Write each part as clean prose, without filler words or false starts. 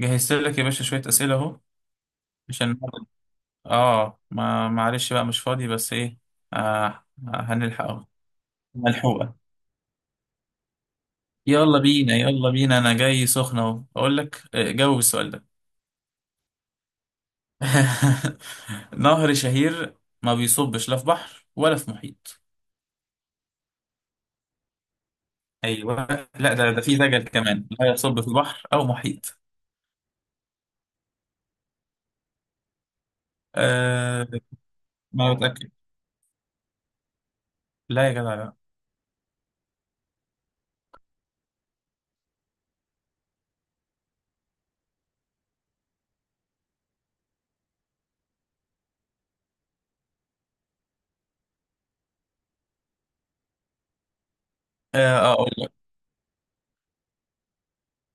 جهزت لك يا باشا شوية أسئلة أهو عشان ما معلش بقى مش فاضي بس إيه هنلحق أهو ملحوقة. يلا بينا يلا بينا، أنا جاي سخنة أهو. أقول لك، جاوب السؤال ده. نهر شهير ما بيصبش لا في بحر ولا في محيط. أيوه، لا ده في دجل كمان لا يصب في بحر أو محيط. آه، ما بتأكد. لا يا جدع لا. آه، أقول لك.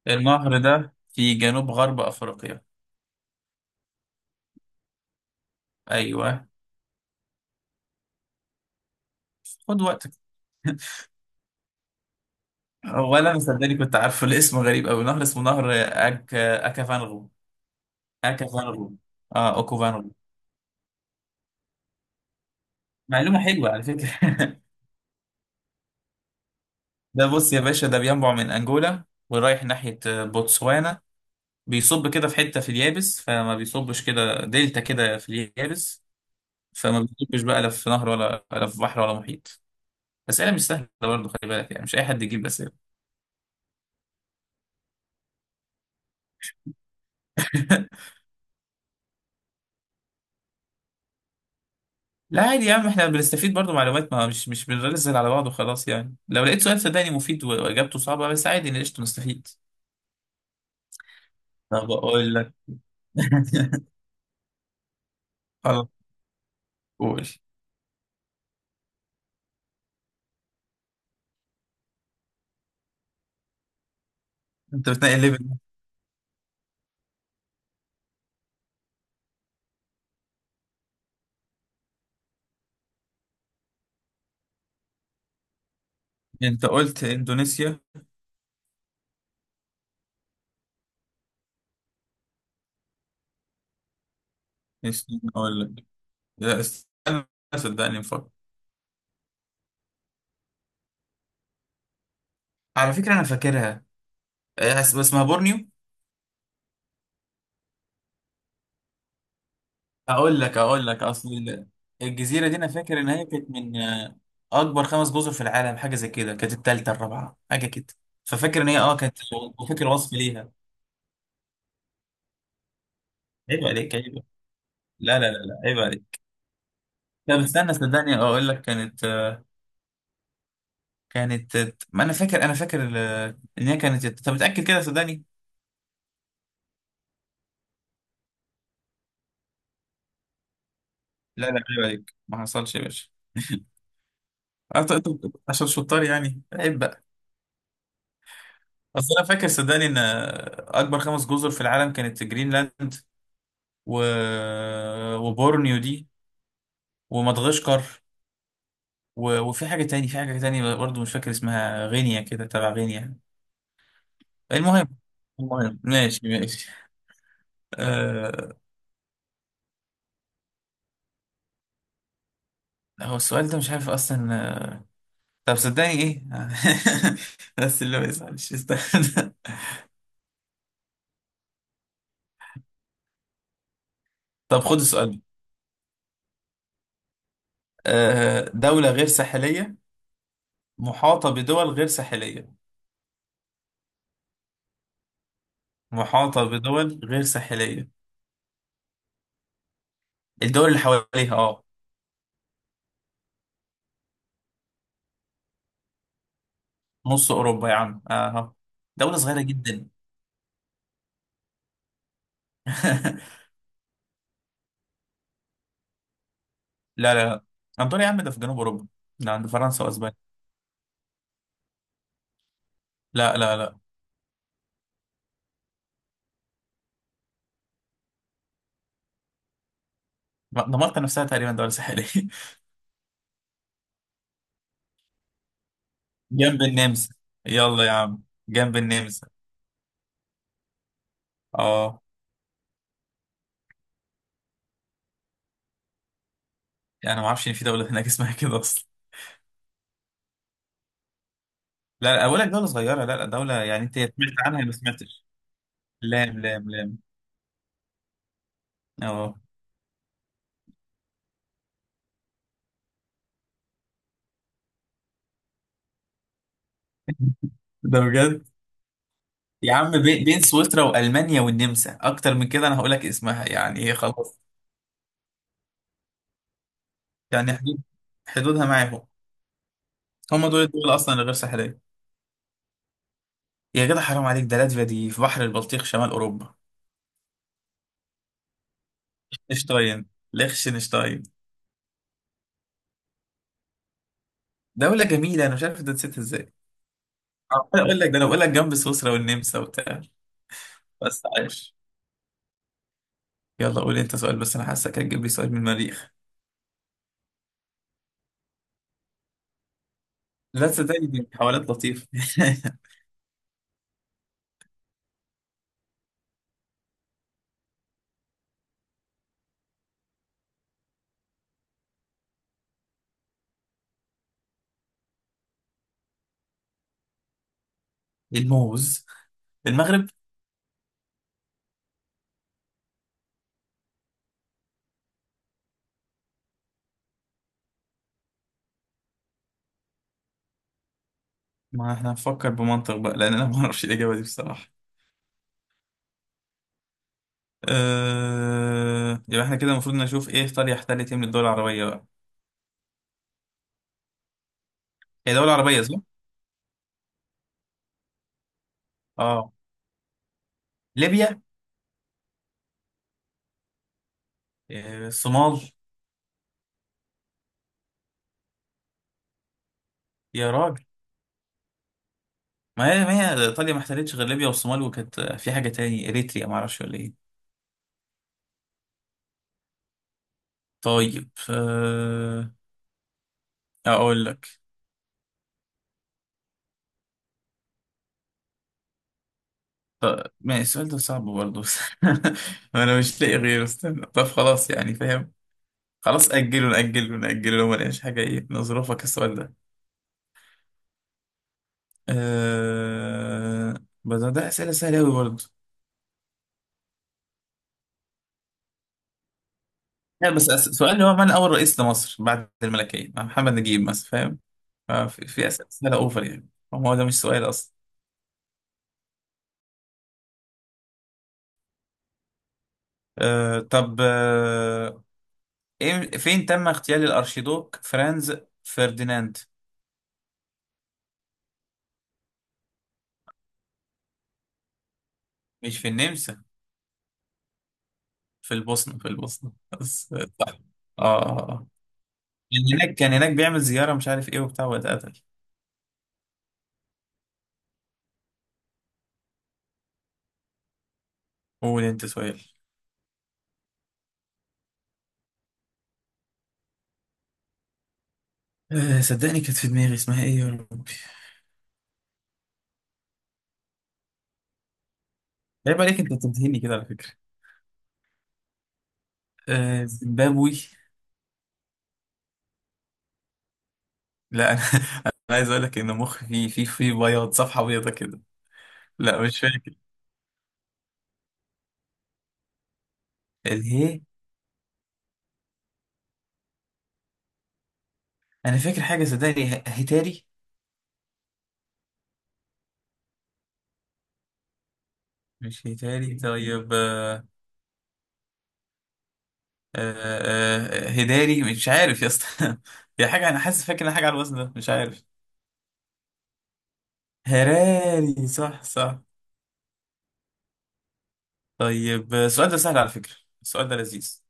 النهر ده في جنوب غرب أفريقيا. أيوه، خد وقتك. هو انا مصدقني كنت عارفه؟ الاسم غريب قوي، نهر اسمه نهر اكافانغو. اكافانغو، اه اوكوفانغو. معلومه حلوه على فكره. ده بص يا باشا، ده بينبع من انجولا ورايح ناحيه بوتسوانا، بيصب كده في حته في اليابس، فما بيصبش، كده دلتا كده في اليابس، فما بيصبش بقى لا في نهر ولا في بحر ولا محيط. اسئله مش سهله برضه، خلي بالك يعني، مش اي حد يجيب اسئله. لا عادي يا عم، احنا بنستفيد برضو معلومات، ما مش بنرزل على بعض وخلاص. يعني لو لقيت سؤال صدقني مفيد واجابته صعبة، بس عادي، إن قشطة نستفيد. طب اقول لك. خلاص، قول. انت بتنقي ليفل. انت قلت اندونيسيا. استنى اقول لك، لا استنى، صدقني مفكر. على فكرة انا فاكرها. إيه، اسمها بورنيو. اقول لك اقول لك، اصل الجزيرة دي، انا فاكر ان هي كانت من، اكبر خمس جزر في العالم، حاجة زي كده، كانت التالتة الرابعة حاجة كده. ففاكر ان هي كانت، وفاكر وصف ليها. عيب عليك، عيب. لا لا لا لا، عيب عليك. طب استنى صدقني اقول لك، كانت، كانت، ما انا فاكر، انا فاكر ان هي كانت، طب متاكد كده صدقني. لا لا عيب عليك، ما حصلش يا باشا. أنت عشان شطار يعني، عيب بقى. اصل انا فاكر صدقني ان اكبر خمس جزر في العالم كانت جرينلاند و... وبورنيو دي، ومدغشقر، و... وفي حاجه تاني، في حاجه تاني برضه مش فاكر اسمها، غينيا كده، تبع غينيا. المهم، المهم ماشي ماشي. آه، هو السؤال ده مش عارف اصلا. آه، طب صدقني ايه. بس اللي هو يزعل مش يستاهل. طب خد السؤال ده. آه، دولة غير ساحلية محاطة بدول غير ساحلية. محاطة بدول غير ساحلية. الدول اللي حواليها اه. نص أوروبا يا عم، اه. دولة صغيرة جدا. لا لا لا، أنطونيا يا عم ده في جنوب أوروبا، ده عند فرنسا وأسبانيا. لا لا لا، دمرت نفسها تقريبا، دولة ساحلية. جنب النمسا. يلا يا عم، جنب النمسا. اه. يعني انا ما اعرفش ان في دوله هناك اسمها كده اصلا. لا لا، اقول لك دوله صغيره، لا لا، دوله يعني انت سمعت عنها؟ ما سمعتش. لام لام لام. اه. ده بجد. يا عم، بين سويسرا والمانيا والنمسا، اكتر من كده انا هقول لك اسمها يعني، ايه خلاص. يعني حدود، حدودها معاهم، هم دول الدول اصلا الغير ساحليه. يا جدع حرام عليك، ده لاتفيا دي في بحر البلطيق شمال اوروبا. اشتاين، ليخشنشتاين. دوله جميله، انا مش عارف ده نسيت ازاي. عمال اقول لك ده، انا بقول لك جنب سويسرا والنمسا وبتاع، بس عايش. يلا قول انت سؤال، بس انا حاسك هتجيب لي سؤال من المريخ. لا تصدقني دي حوالات لطيفة. الموز. المغرب. ما احنا هنفكر بمنطق بقى، لان انا ما اعرفش الاجابة دي بصراحة. أه... يبقى احنا كده المفروض نشوف ايه ايطاليا احتلت ايه من الدول العربية بقى. هي دولة عربية صح؟ اه، ليبيا. آه، الصومال. يا راجل، ما هي، ما هي ايطاليا ما احتلتش غير ليبيا والصومال، وكانت آه، في حاجة تاني، اريتريا ما اعرفش ولا ايه. طيب أه... اقول لك. ما السؤال ده صعب برضه بس. انا مش لاقي غيره، استنى طب خلاص يعني، فاهم. خلاص اجله ناجله ناجله، لو ما لقيناش حاجه ايه نظروفك السؤال ده. أه... بس ده اسئله سهله قوي برضه. لا بس سؤال هو من، اول رئيس لمصر بعد الملكيه مع محمد نجيب مثلا فاهم؟ في اسئله سهله اوفر يعني، هو ده مش سؤال اصلا. أه... طب أه... فين تم اغتيال الارشيدوك فرانز فرديناند؟ مش في النمسا. في البوسنة، في البوسنة بس. صح. اه آه. آه. كان هناك، كان هناك بيعمل زيارة مش عارف ايه وبتاع، واتقتل. قول انت سؤال. آه صدقني كانت في دماغي، اسمها ايه يا ربي. عيب عليك، انت بتنتهيني كده على فكرة. آه زيمبابوي. لا انا انا عايز اقول لك ان مخي في في بياض، صفحة بيضة كده. لا مش فاكر. الهي. انا فاكر حاجة صدقني، هتاري. مش هتاري طيب. آه هداري، مش عارف يا اسطى يا حاجة، انا حاسس فاكر إن حاجة على الوزن ده مش عارف. هراري، صح صح. طيب السؤال ده سهل على فكرة، السؤال ده لذيذ.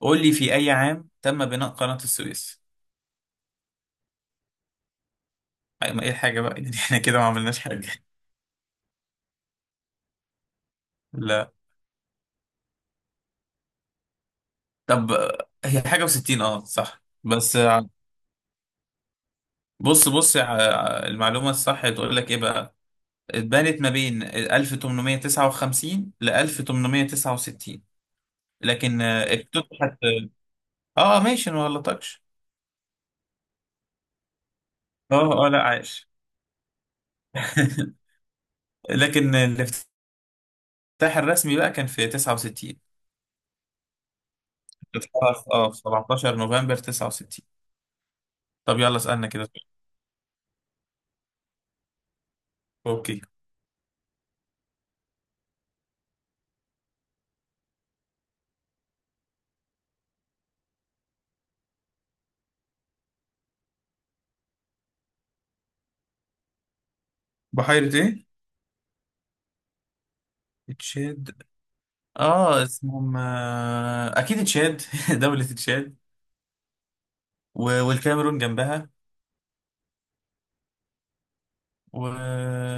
قول لي، في أي عام تم بناء قناة السويس؟ أي ما إيه الحاجة بقى يعني، إحنا كده ما عملناش حاجة. لا. طب آه، هي حاجة وستين، أه صح بس، آه، بص بص، آه، المعلومة الصح بتقول لك إيه بقى، اتبنت ما بين 1859 ل 1869، لكن آه، افتتحت. اه ماشي، أنا ما غلطكش. اه اه لا عايش. لكن الافتتاح، الافتتاح الرسمي بقى كان في 69. اتفتح اه في 17 نوفمبر 69. طب يلا اسألنا كده سؤال. اوكي. بحيرة ايه؟ تشاد. اه، اسمهم آه، اكيد تشاد. دولة تشاد والكاميرون جنبها، و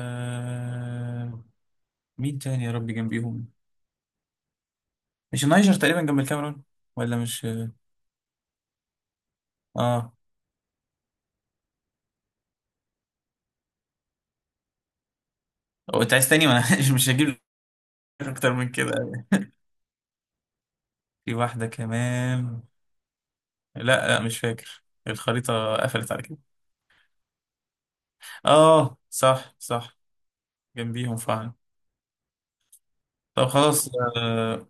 مين تاني يا ربي جنبيهم؟ مش النيجر تقريبا جنب الكاميرون، ولا مش؟ اه. هو انت عايز تاني، ما انا مش هجيب لك اكتر من كده. في واحدة كمان؟ لا لا مش فاكر، الخريطة قفلت على كده. اه صح صح، جنبيهم فعلا. طب خلاص، آه،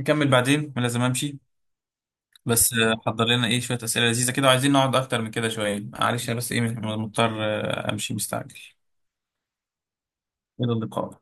نكمل بعدين انا لازم امشي. بس آه حضر لنا ايه شوية اسئلة لذيذة كده، وعايزين نقعد اكتر من كده شوية، معلش انا بس ايه مضطر آه امشي مستعجل. الى اللقاء.